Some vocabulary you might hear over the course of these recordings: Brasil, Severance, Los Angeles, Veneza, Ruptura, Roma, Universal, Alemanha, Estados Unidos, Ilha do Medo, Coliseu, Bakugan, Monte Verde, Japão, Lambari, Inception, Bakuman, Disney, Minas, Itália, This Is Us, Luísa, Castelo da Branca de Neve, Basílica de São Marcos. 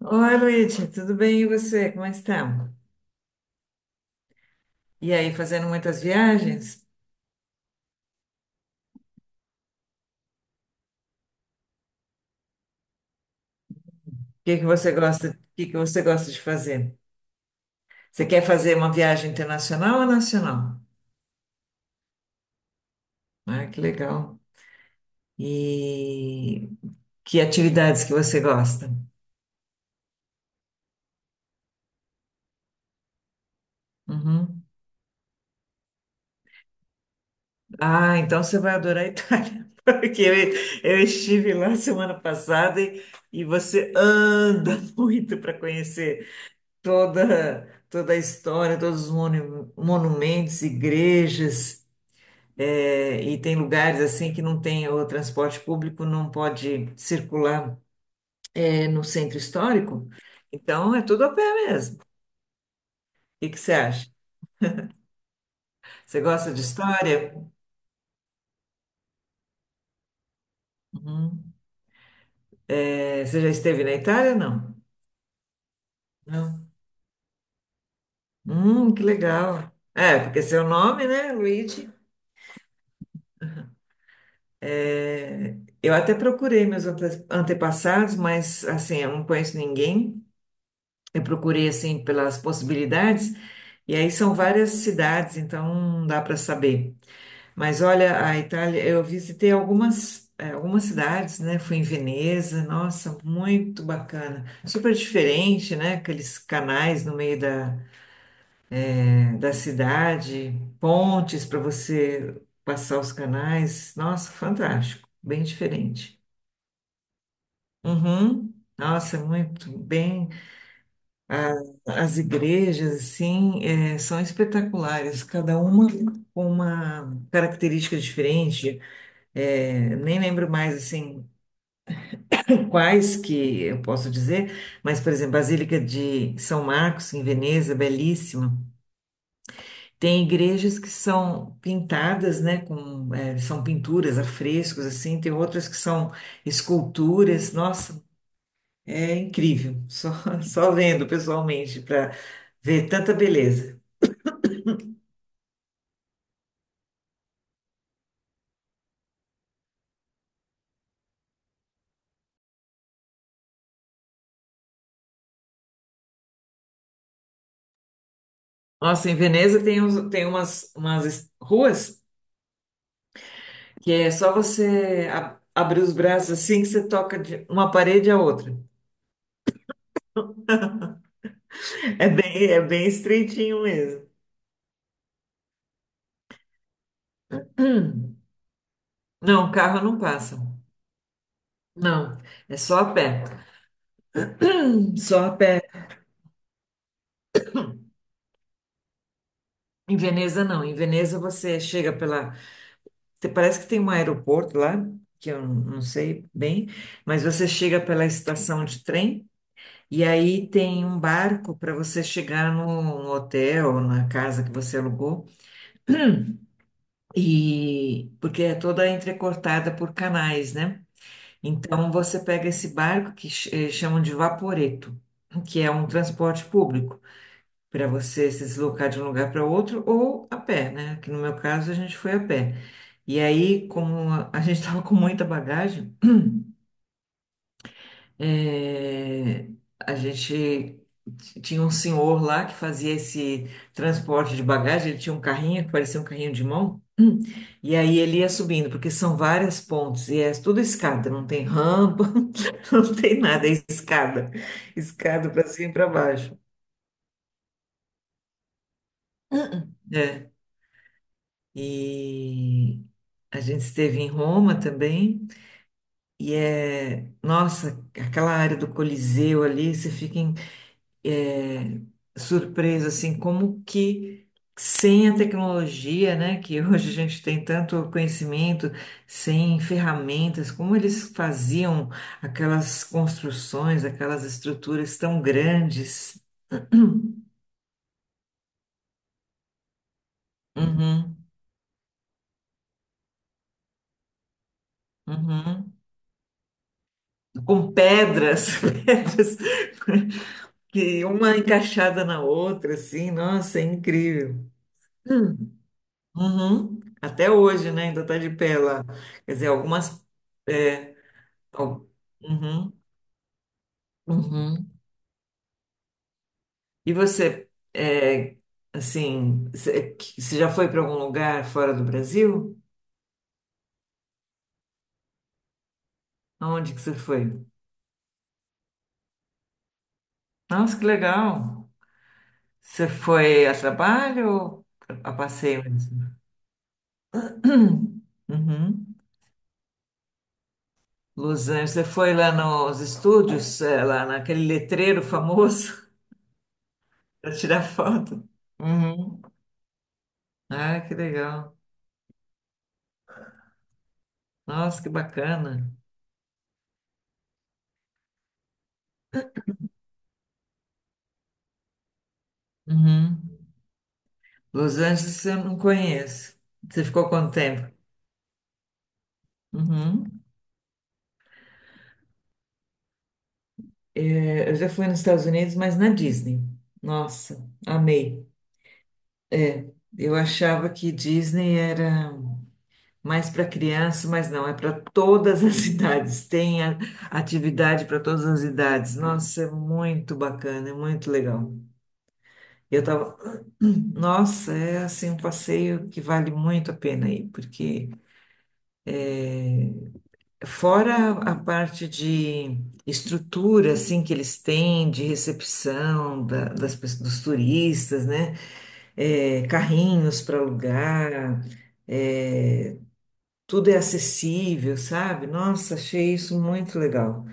Oi, Luísa, tudo bem? E você? Como é que está? E aí, fazendo muitas viagens? O que que você gosta, o que que você gosta de fazer? Você quer fazer uma viagem internacional ou nacional? Ah, que legal. E que atividades que você gosta? Uhum. Ah, então você vai adorar a Itália, porque eu estive lá semana passada e você anda muito para conhecer toda a história, todos os monumentos, igrejas. É, e tem lugares assim que não tem o transporte público, não pode circular no centro histórico. Então é tudo a pé mesmo. O que que você acha? Você gosta de história? Uhum. É, você já esteve na Itália? Não. Não. Que legal. É, porque seu nome, né, Luigi? é, Eu até procurei meus antepassados, mas assim, eu não conheço ninguém. Eu procurei assim pelas possibilidades, e aí são várias cidades, então não dá para saber. Mas olha, a Itália, eu visitei algumas cidades, né? Fui em Veneza, nossa, muito bacana. Super diferente, né? Aqueles canais no meio da cidade, pontes para você passar os canais. Nossa, fantástico, bem diferente. Uhum. Nossa, muito bem. A- as igrejas, assim, são espetaculares, cada uma com uma característica diferente. É, nem lembro mais assim quais que eu posso dizer, mas, por exemplo, Basílica de São Marcos, em Veneza, belíssima. Tem igrejas que são pintadas, né, com, são pinturas, afrescos, assim, tem outras que são esculturas, nossa, é incrível, só, só vendo pessoalmente para ver tanta beleza. Nossa, em Veneza tem umas ruas que é só você abrir os braços assim que você toca de uma parede à outra. É bem estreitinho mesmo. Hum, Não, carro não passa. Não, é só a pé. Só a pé. Em Veneza, não. Em Veneza, você chega pela. Te- Parece que tem um aeroporto lá, que eu não sei bem, mas você chega pela estação de trem e aí tem um barco para você chegar no hotel, na casa que você alugou, e porque é toda entrecortada por canais, né? Então você pega esse barco que chamam de vaporeto, que é um transporte público para você se deslocar de um lugar para outro ou a pé, né? Que no meu caso a gente foi a pé. E aí, como a gente estava com muita bagagem, é, a gente tinha um senhor lá que fazia esse transporte de bagagem, ele tinha um carrinho que parecia um carrinho de mão, Hum. E aí ele ia subindo, porque são várias pontes, e é tudo escada, não tem rampa, não tem nada, é escada, escada para cima e para baixo. É. E a gente esteve em Roma também, e é, nossa, aquela área do Coliseu ali, você fica é, surpresa, assim, como que sem a tecnologia, né, que hoje a gente tem tanto conhecimento, sem ferramentas, como eles faziam aquelas construções, aquelas estruturas tão grandes. Uhum, uhum. Com pedras, pedras, que uma encaixada na outra, assim, nossa, é incrível. Hum. Uhum. Até hoje, né, ainda está de pé lá. Quer dizer, algumas. é, Ó, Uhum, uhum. E você, assim, você já foi para algum lugar fora do Brasil? Aonde que você foi? Nossa, que legal! Você foi a trabalho ou a passeio mesmo? Uhum. Los Angeles, você foi lá nos estúdios, é, lá naquele letreiro famoso para tirar foto? Uhum. Ah, que legal! Nossa, que bacana! Uhum. Los Angeles eu não conheço. Você ficou quanto tempo? Uhum. É, eu já fui nos Estados Unidos, mas na Disney. Nossa, amei. Eu achava que Disney era mais para criança, mas não, é para todas as idades. Tem atividade para todas as idades. Nossa, é muito bacana, é muito legal. Eu tava, nossa, é assim um passeio que vale muito a pena ir, porque fora a parte de estrutura, assim, que eles têm de recepção dos turistas, né? É, carrinhos para alugar, é, tudo é acessível, sabe? Nossa, achei isso muito legal.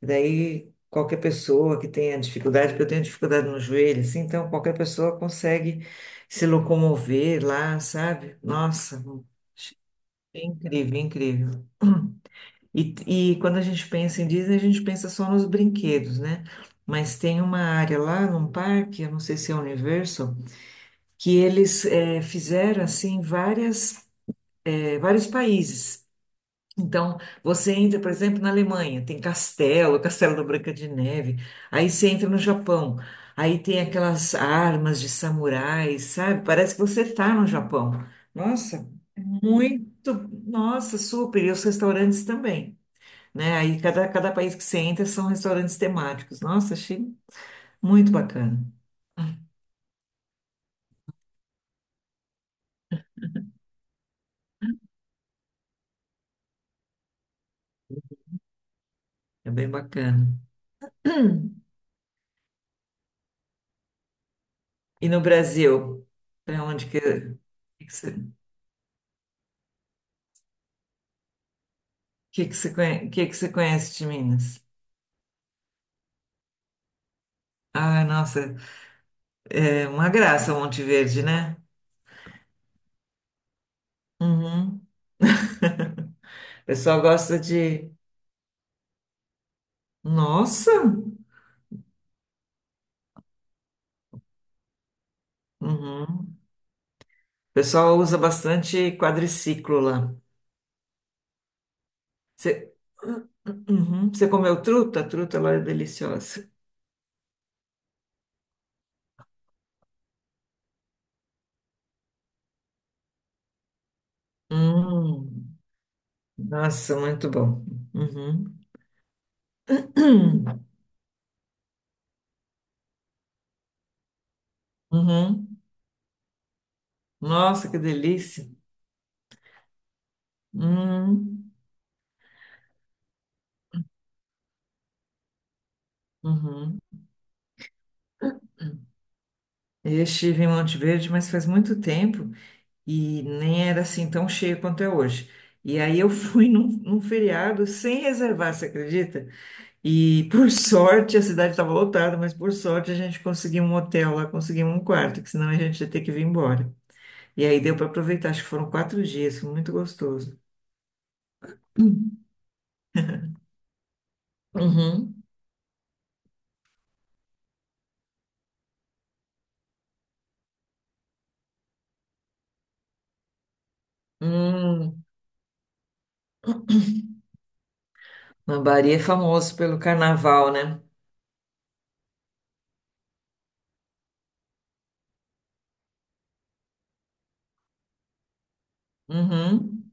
E daí, qualquer pessoa que tenha dificuldade, porque eu tenho dificuldade no joelho, assim, então qualquer pessoa consegue se locomover lá, sabe? Nossa, achei incrível, incrível. E quando a gente pensa em Disney, a gente pensa só nos brinquedos, né? Mas tem uma área lá num parque, eu não sei se é Universal, que eles fizeram assim vários países. Então, você entra, por exemplo, na Alemanha, tem castelo, o Castelo da Branca de Neve. Aí você entra no Japão, aí tem aquelas armas de samurais, sabe? Parece que você está no Japão. Nossa, muito, nossa, super. E os restaurantes também, né? Aí cada país que você entra são restaurantes temáticos. Nossa, achei muito bacana. É bem bacana. E no Brasil, para onde que você conhece de Minas? Ah, nossa, é uma graça Monte Verde, né? Uhum. O pessoal gosta de. Nossa! Uhum. O pessoal usa bastante quadriciclo lá. Você, Uhum. Você comeu truta? A truta lá é deliciosa. Hum. Nossa, muito bom. Uhum. Uhum. Nossa, que delícia. Hum, uhum. Eu estive em Monte Verde, mas faz muito tempo e nem era assim tão cheio quanto é hoje. E aí eu fui num feriado sem reservar, você acredita? E por sorte a cidade estava lotada, mas por sorte a gente conseguiu um hotel lá, conseguimos um quarto, que senão a gente ia ter que vir embora. E aí deu para aproveitar, acho que foram 4 dias, foi muito gostoso. Uhum. Hum, Lambari é famoso pelo carnaval, né? Uhum.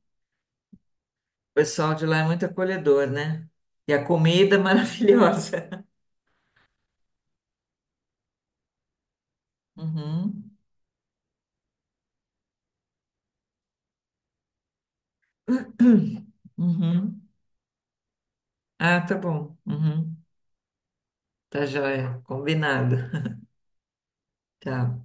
O pessoal de lá é muito acolhedor, né? E a comida é maravilhosa. Uhum. Uhum. Ah, tá bom. Uhum. Tá joia. Combinado. Tchau.